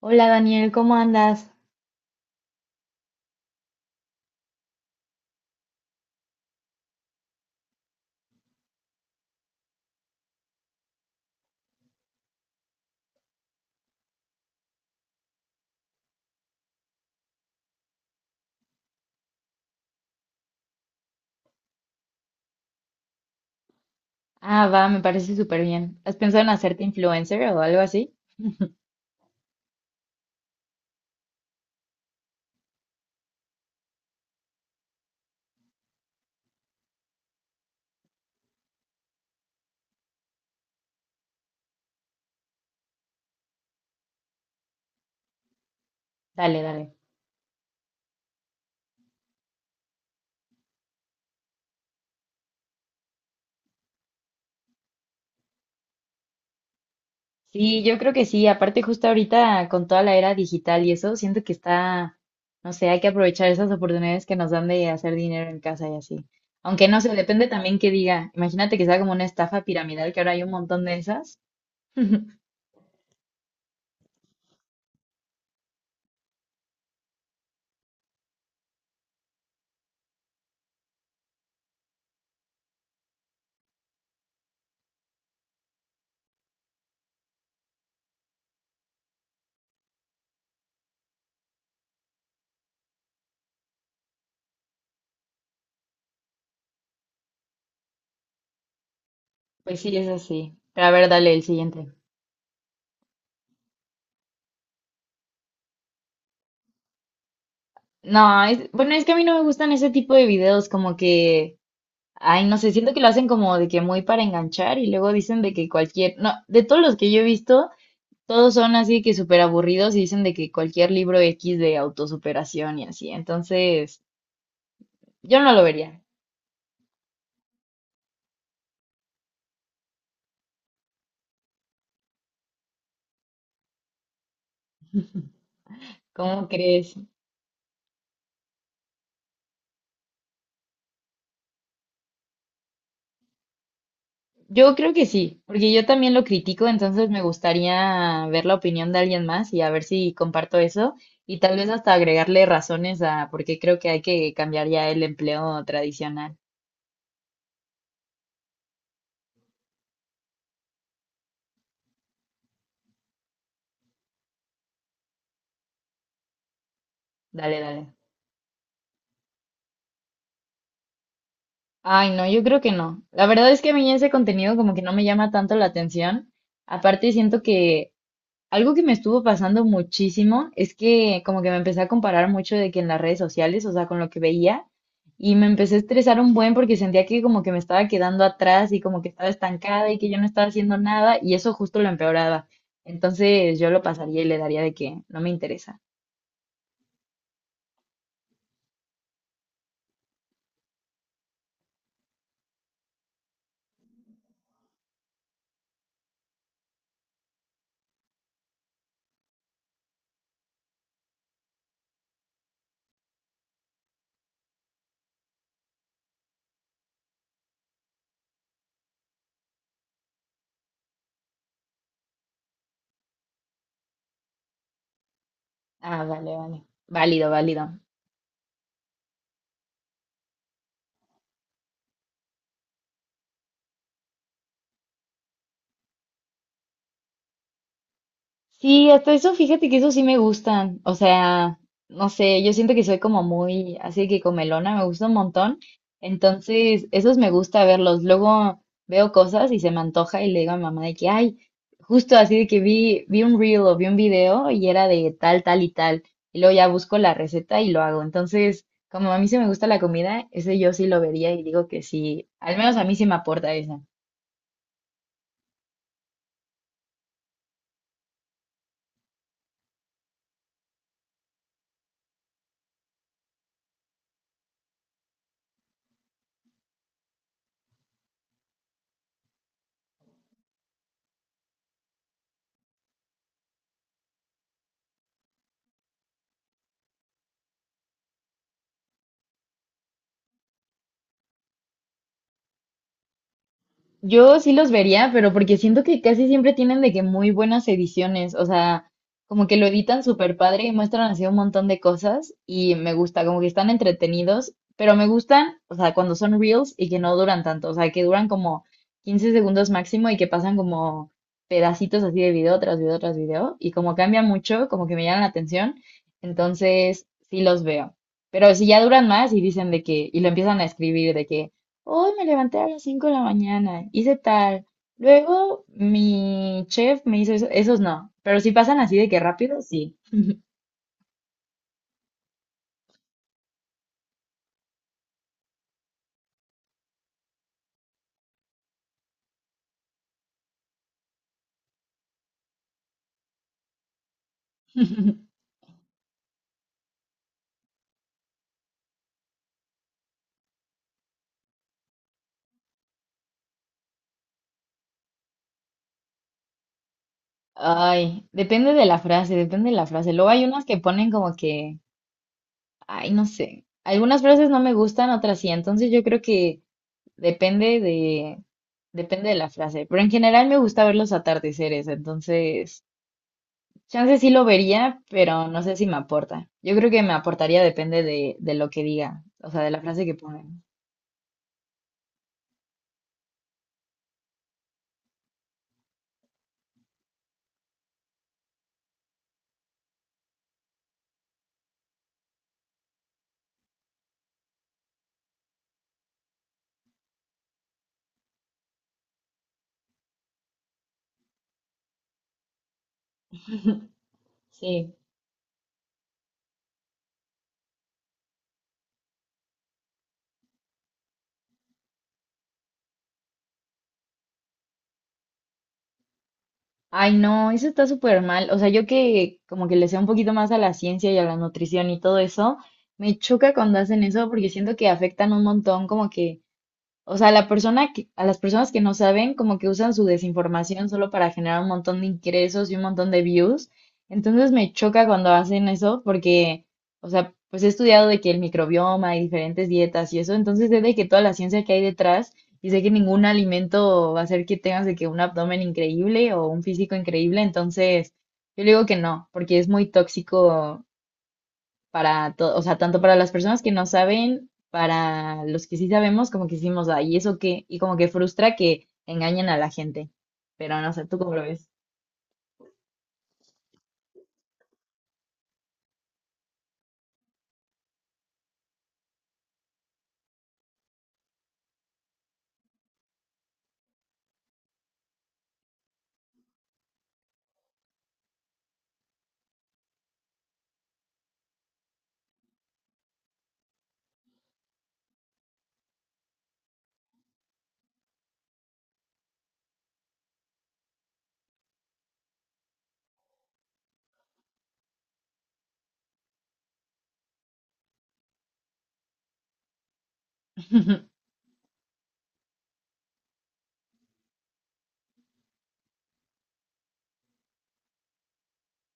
Hola Daniel, ¿cómo andas? Ah, va, me parece súper bien. ¿Has pensado en hacerte influencer o algo así? Dale, dale. Sí, yo creo que sí. Aparte, justo ahorita con toda la era digital y eso, siento que está, no sé, hay que aprovechar esas oportunidades que nos dan de hacer dinero en casa y así. Aunque no sé, depende también que diga. Imagínate que sea como una estafa piramidal, que ahora hay un montón de esas. Pues sí, es así. Pero a ver, dale el siguiente. No, bueno, es que a mí no me gustan ese tipo de videos, como que. Ay, no sé, siento que lo hacen como de que muy para enganchar y luego dicen de que cualquier, no, de todos los que yo he visto, todos son así que súper aburridos y dicen de que cualquier libro X de autosuperación y así. Entonces, yo no lo vería. ¿Cómo crees? Yo creo que sí, porque yo también lo critico, entonces me gustaría ver la opinión de alguien más y a ver si comparto eso y tal vez hasta agregarle razones a por qué creo que hay que cambiar ya el empleo tradicional. Dale, dale. Ay, no, yo creo que no. La verdad es que a mí ese contenido como que no me llama tanto la atención. Aparte, siento que algo que me estuvo pasando muchísimo es que como que me empecé a comparar mucho de que en las redes sociales, o sea, con lo que veía, y me empecé a estresar un buen porque sentía que como que me estaba quedando atrás y como que estaba estancada y que yo no estaba haciendo nada, y eso justo lo empeoraba. Entonces yo lo pasaría y le daría de que no me interesa. Ah, vale, vale. Válido, válido. Sí, hasta eso, fíjate que eso sí me gustan. O sea, no sé, yo siento que soy como muy así que comelona, me gusta un montón. Entonces, esos me gusta verlos. Luego veo cosas y se me antoja y le digo a mi mamá de que, ay, justo así de que vi un reel o vi un video y era de tal, tal y tal. Y luego ya busco la receta y lo hago. Entonces, como a mí sí me gusta la comida, ese yo sí lo vería y digo que sí, al menos a mí sí me aporta esa. Yo sí los vería, pero porque siento que casi siempre tienen de que muy buenas ediciones, o sea, como que lo editan súper padre y muestran así un montón de cosas y me gusta, como que están entretenidos, pero me gustan, o sea, cuando son reels y que no duran tanto, o sea, que duran como 15 segundos máximo y que pasan como pedacitos así de video tras video tras video y como cambia mucho, como que me llaman la atención, entonces sí los veo. Pero si ya duran más y dicen de que, y lo empiezan a escribir de que: Hoy me levanté a las 5 de la mañana, hice tal. Luego mi chef me hizo eso. Esos no, pero si pasan así de que rápido, sí. Ay, depende de la frase, depende de la frase. Luego hay unas que ponen como que, ay, no sé. Algunas frases no me gustan, otras sí. Entonces yo creo que depende de, depende de la frase. Pero en general me gusta ver los atardeceres, entonces chance sí lo vería, pero no sé si me aporta. Yo creo que me aportaría depende de, lo que diga, o sea, de la frase que ponga. Sí. Ay, no, eso está súper mal. O sea, yo que como que le sé un poquito más a la ciencia y a la nutrición y todo eso, me choca cuando hacen eso porque siento que afectan un montón como que. O sea, la persona que, a las personas que no saben, como que usan su desinformación solo para generar un montón de ingresos y un montón de views. Entonces me choca cuando hacen eso porque, o sea, pues he estudiado de que el microbioma y diferentes dietas y eso, entonces sé de que toda la ciencia que hay detrás y sé que ningún alimento va a hacer que tengas de que un abdomen increíble o un físico increíble. Entonces, yo digo que no, porque es muy tóxico para todo, o sea, tanto para las personas que no saben, para los que sí sabemos, como que hicimos, ay, ¿eso qué? Y como que frustra que engañen a la gente. Pero no sé, ¿tú cómo lo ves?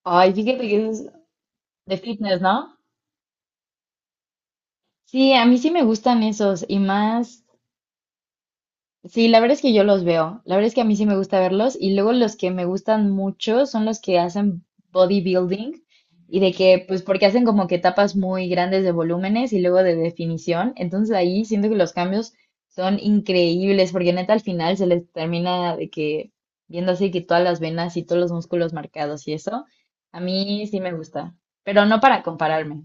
Ay, fíjate que eso es de fitness, ¿no? Sí, a mí sí me gustan esos y más. Sí, la verdad es que yo los veo. La verdad es que a mí sí me gusta verlos. Y luego los que me gustan mucho son los que hacen bodybuilding. Y de que, pues, porque hacen como que etapas muy grandes de volúmenes y luego de definición. Entonces ahí siento que los cambios son increíbles. Porque neta al final se les termina de que viendo así que todas las venas y todos los músculos marcados y eso. A mí sí me gusta. Pero no para compararme.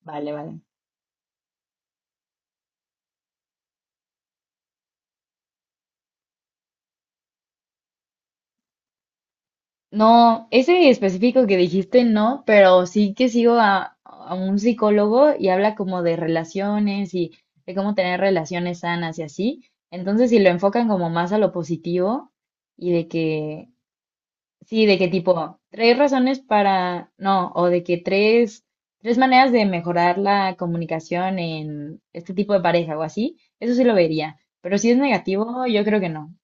Vale, vale. No, ese específico que dijiste no, pero sí que sigo a un psicólogo y habla como de relaciones y de cómo tener relaciones sanas y así. Entonces, si lo enfocan como más a lo positivo y de que, sí, de que tipo, tres razones para, no, o de que tres maneras de mejorar la comunicación en este tipo de pareja o así, eso sí lo vería. Pero si es negativo, yo creo que no.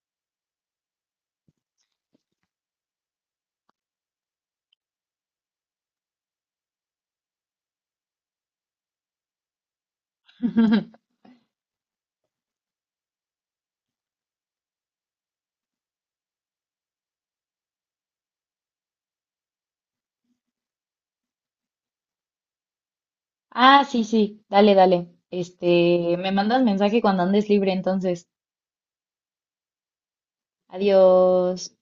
Ah, sí, sí, dale, dale. Este, me mandas mensaje cuando andes libre, entonces. Adiós.